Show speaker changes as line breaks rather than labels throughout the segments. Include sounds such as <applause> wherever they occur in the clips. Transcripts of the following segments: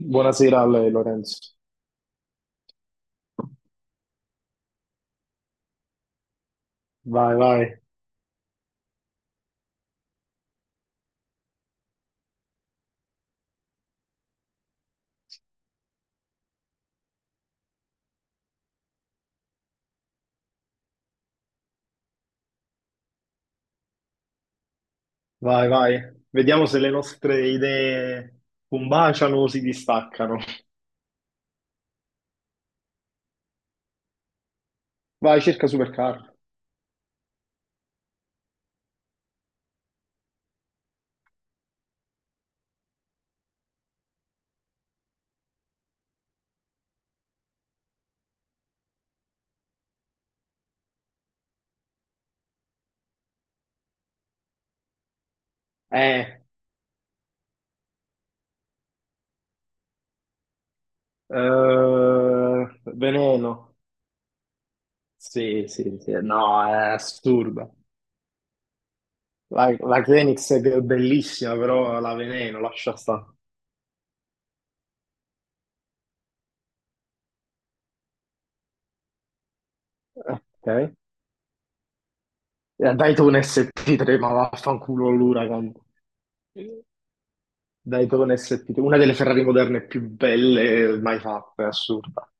Buonasera a lei, Lorenzo. Vai, vai, vai, vai. Vediamo se le nostre idee combaciano o si distaccano. Vai, cerca supercar. Eh, Veneno. Sì, sì, sì. No, è assurda. La Xenix è bellissima, però la Veneno, lascia stare. Ok. Dai tu un SP3, ma vaffanculo l'Huracan. Dai tu un SP3, una delle Ferrari moderne più belle mai fatte, è assurda.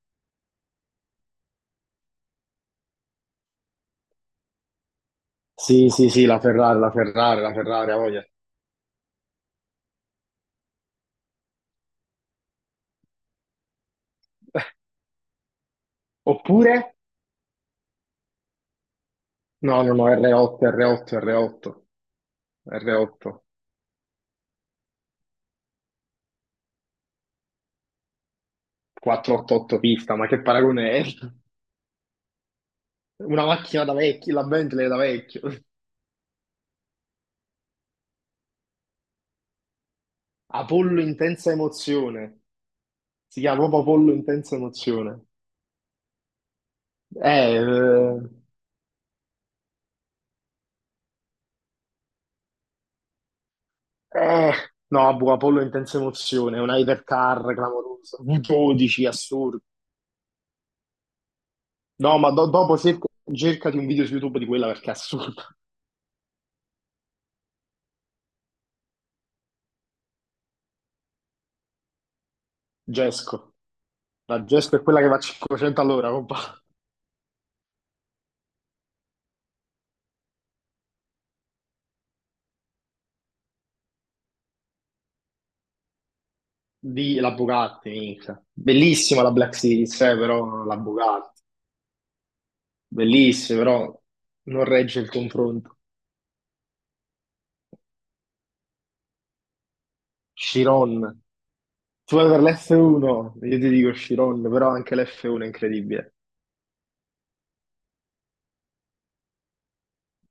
Sì, sì, sì, la Ferrari, la Ferrari, la Ferrari, ha voglia. Oppure? No, no, no, R8, R8, R8, R8. 488 pista, ma che paragone è? Una macchina da vecchio, la Bentley da vecchio. Apollo intensa emozione, si chiama proprio Apollo intensa emozione. Eh, eh, eh, no, boh, Apollo intensa emozione, un hypercar clamoroso, V12 assurdo. No, ma dopo cercati un video su YouTube di quella perché è assurdo. Gesco. La Gesto è quella che va a 500 all'ora, compa. Di la Bugatti, minchia. Bellissima la Black Series, però la Bugatti. Bellissima, però non regge il confronto. Chiron. Tu vai per l'F1, io ti dico Chiron, però anche l'F1 è incredibile.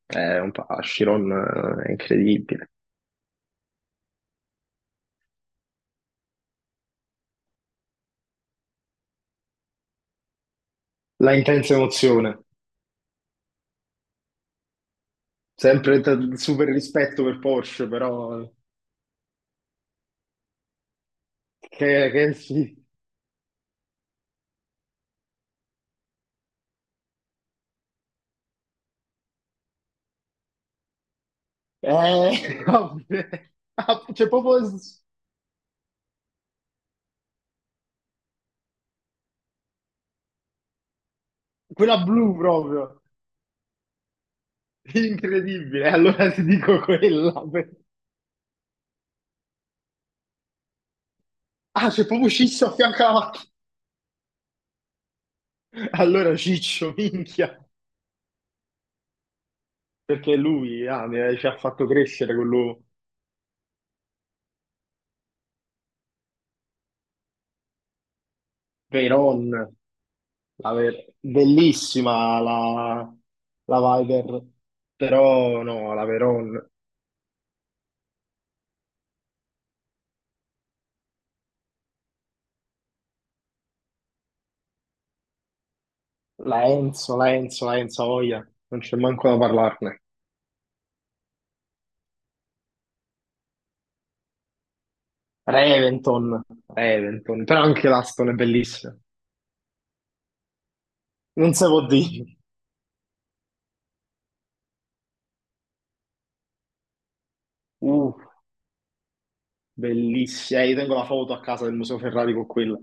È un po', Chiron è incredibile. La intensa emozione. Sempre super rispetto per Porsche, però... che sì. <laughs> Vabbè. Ah, c'è proprio quella blu proprio. Incredibile, allora ti dico quella. Ah, se proprio Cisso a fianco alla macchina. Allora Ciccio, minchia. Perché lui ah, ci ha fatto crescere quello. Veyron. La bellissima la... la Viper. Però no, la Veyron. La Enzo, la Enzo, la Enzo Oia. Non c'è manco da parlarne. Reventon, Reventon. Però anche l'Aston è bellissima. Non si può dire. Uh. Bellissima, eh, io tengo la foto a casa del Museo Ferrari con quella.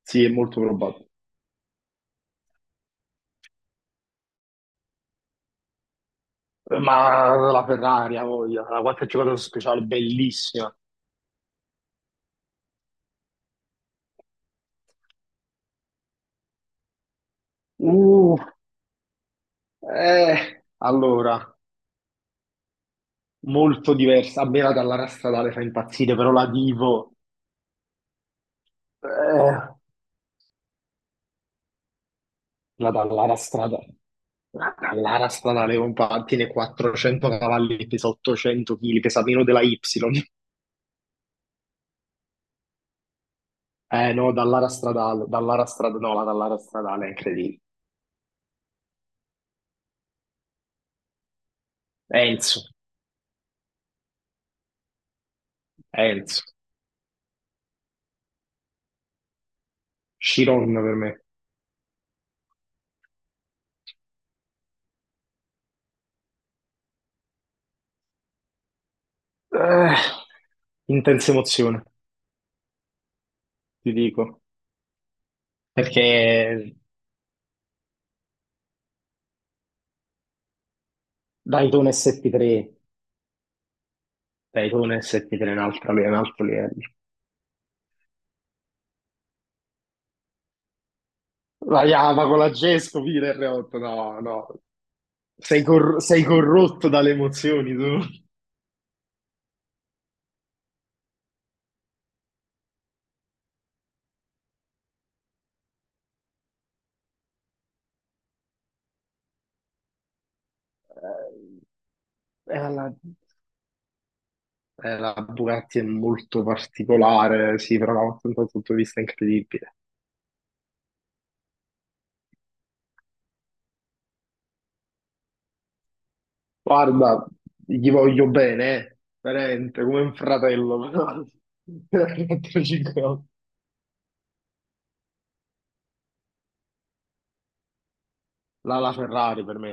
Sì, è molto probabile. Ma la Ferrari, ha voglia, la qualche giocatore speciale, bellissima. Uh, allora, molto diversa. A me la Dallara Stradale fa impazzire, però la Divo, eh, la Dallara Stradale, la Dallara Stradale, compa, tiene 400 cavalli, pesa 800 kg, pesa meno della Y. No, Dallara Stradale, Dallara Stradale, no, la Dallara Stradale è incredibile. Enzo, Enzo. Chiron per me. Eh, intensa emozione, ti dico. Perché Daytona SP3, Daytona SP3 è un altro livello. La Yamaha con la Gesco, fine R8, no, no. Sei, sei corrotto dalle emozioni, tu. Eh, eh, la, la Bugatti è molto particolare, sì, però da un punto di vista incredibile. Guarda, gli voglio bene, eh. Veramente, come un fratello. Però- <laughs> veramente ci credo. La Ferrari per me,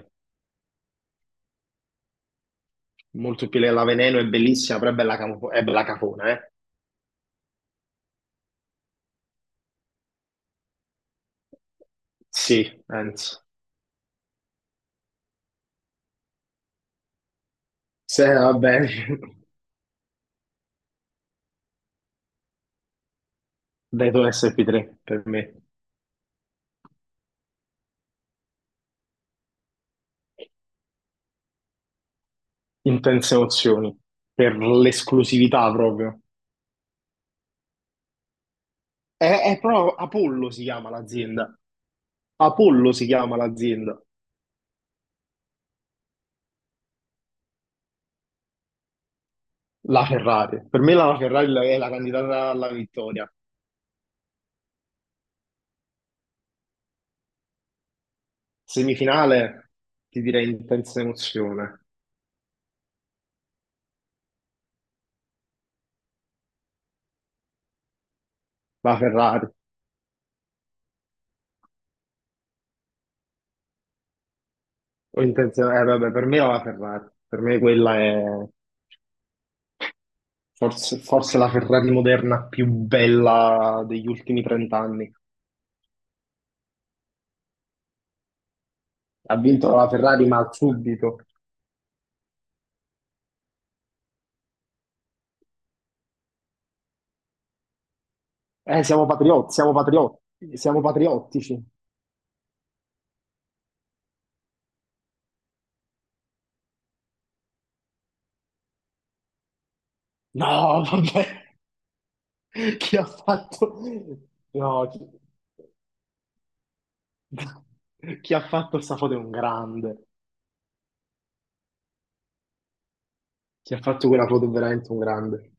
molto più la Veneno è bellissima, però è bella, è bella cafona, eh? Sì, penso. Se va bene, <laughs> Dato SP3 per me, intense emozioni, per l'esclusività proprio. È proprio Apollo si chiama l'azienda. Apollo si chiama l'azienda. La Ferrari, per me la Ferrari è la candidata alla vittoria. Semifinale, ti direi intensa emozione. La Ferrari. O intensa... vabbè, per me è la Ferrari. Per me quella è forse, forse la Ferrari moderna più bella degli ultimi 30 anni. Ha vinto la Ferrari, ma subito. Siamo patriotti, siamo patriotti, siamo patriottici. No, vabbè, <laughs> chi ha fatto... No, chi, <laughs> chi ha fatto questa foto è un grande. Chi ha fatto quella foto è veramente un grande.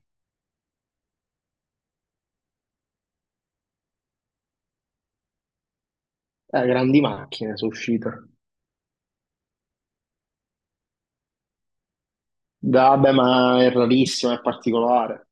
Grandi macchine sono uscite. Vabbè, ma è rarissimo, è particolare.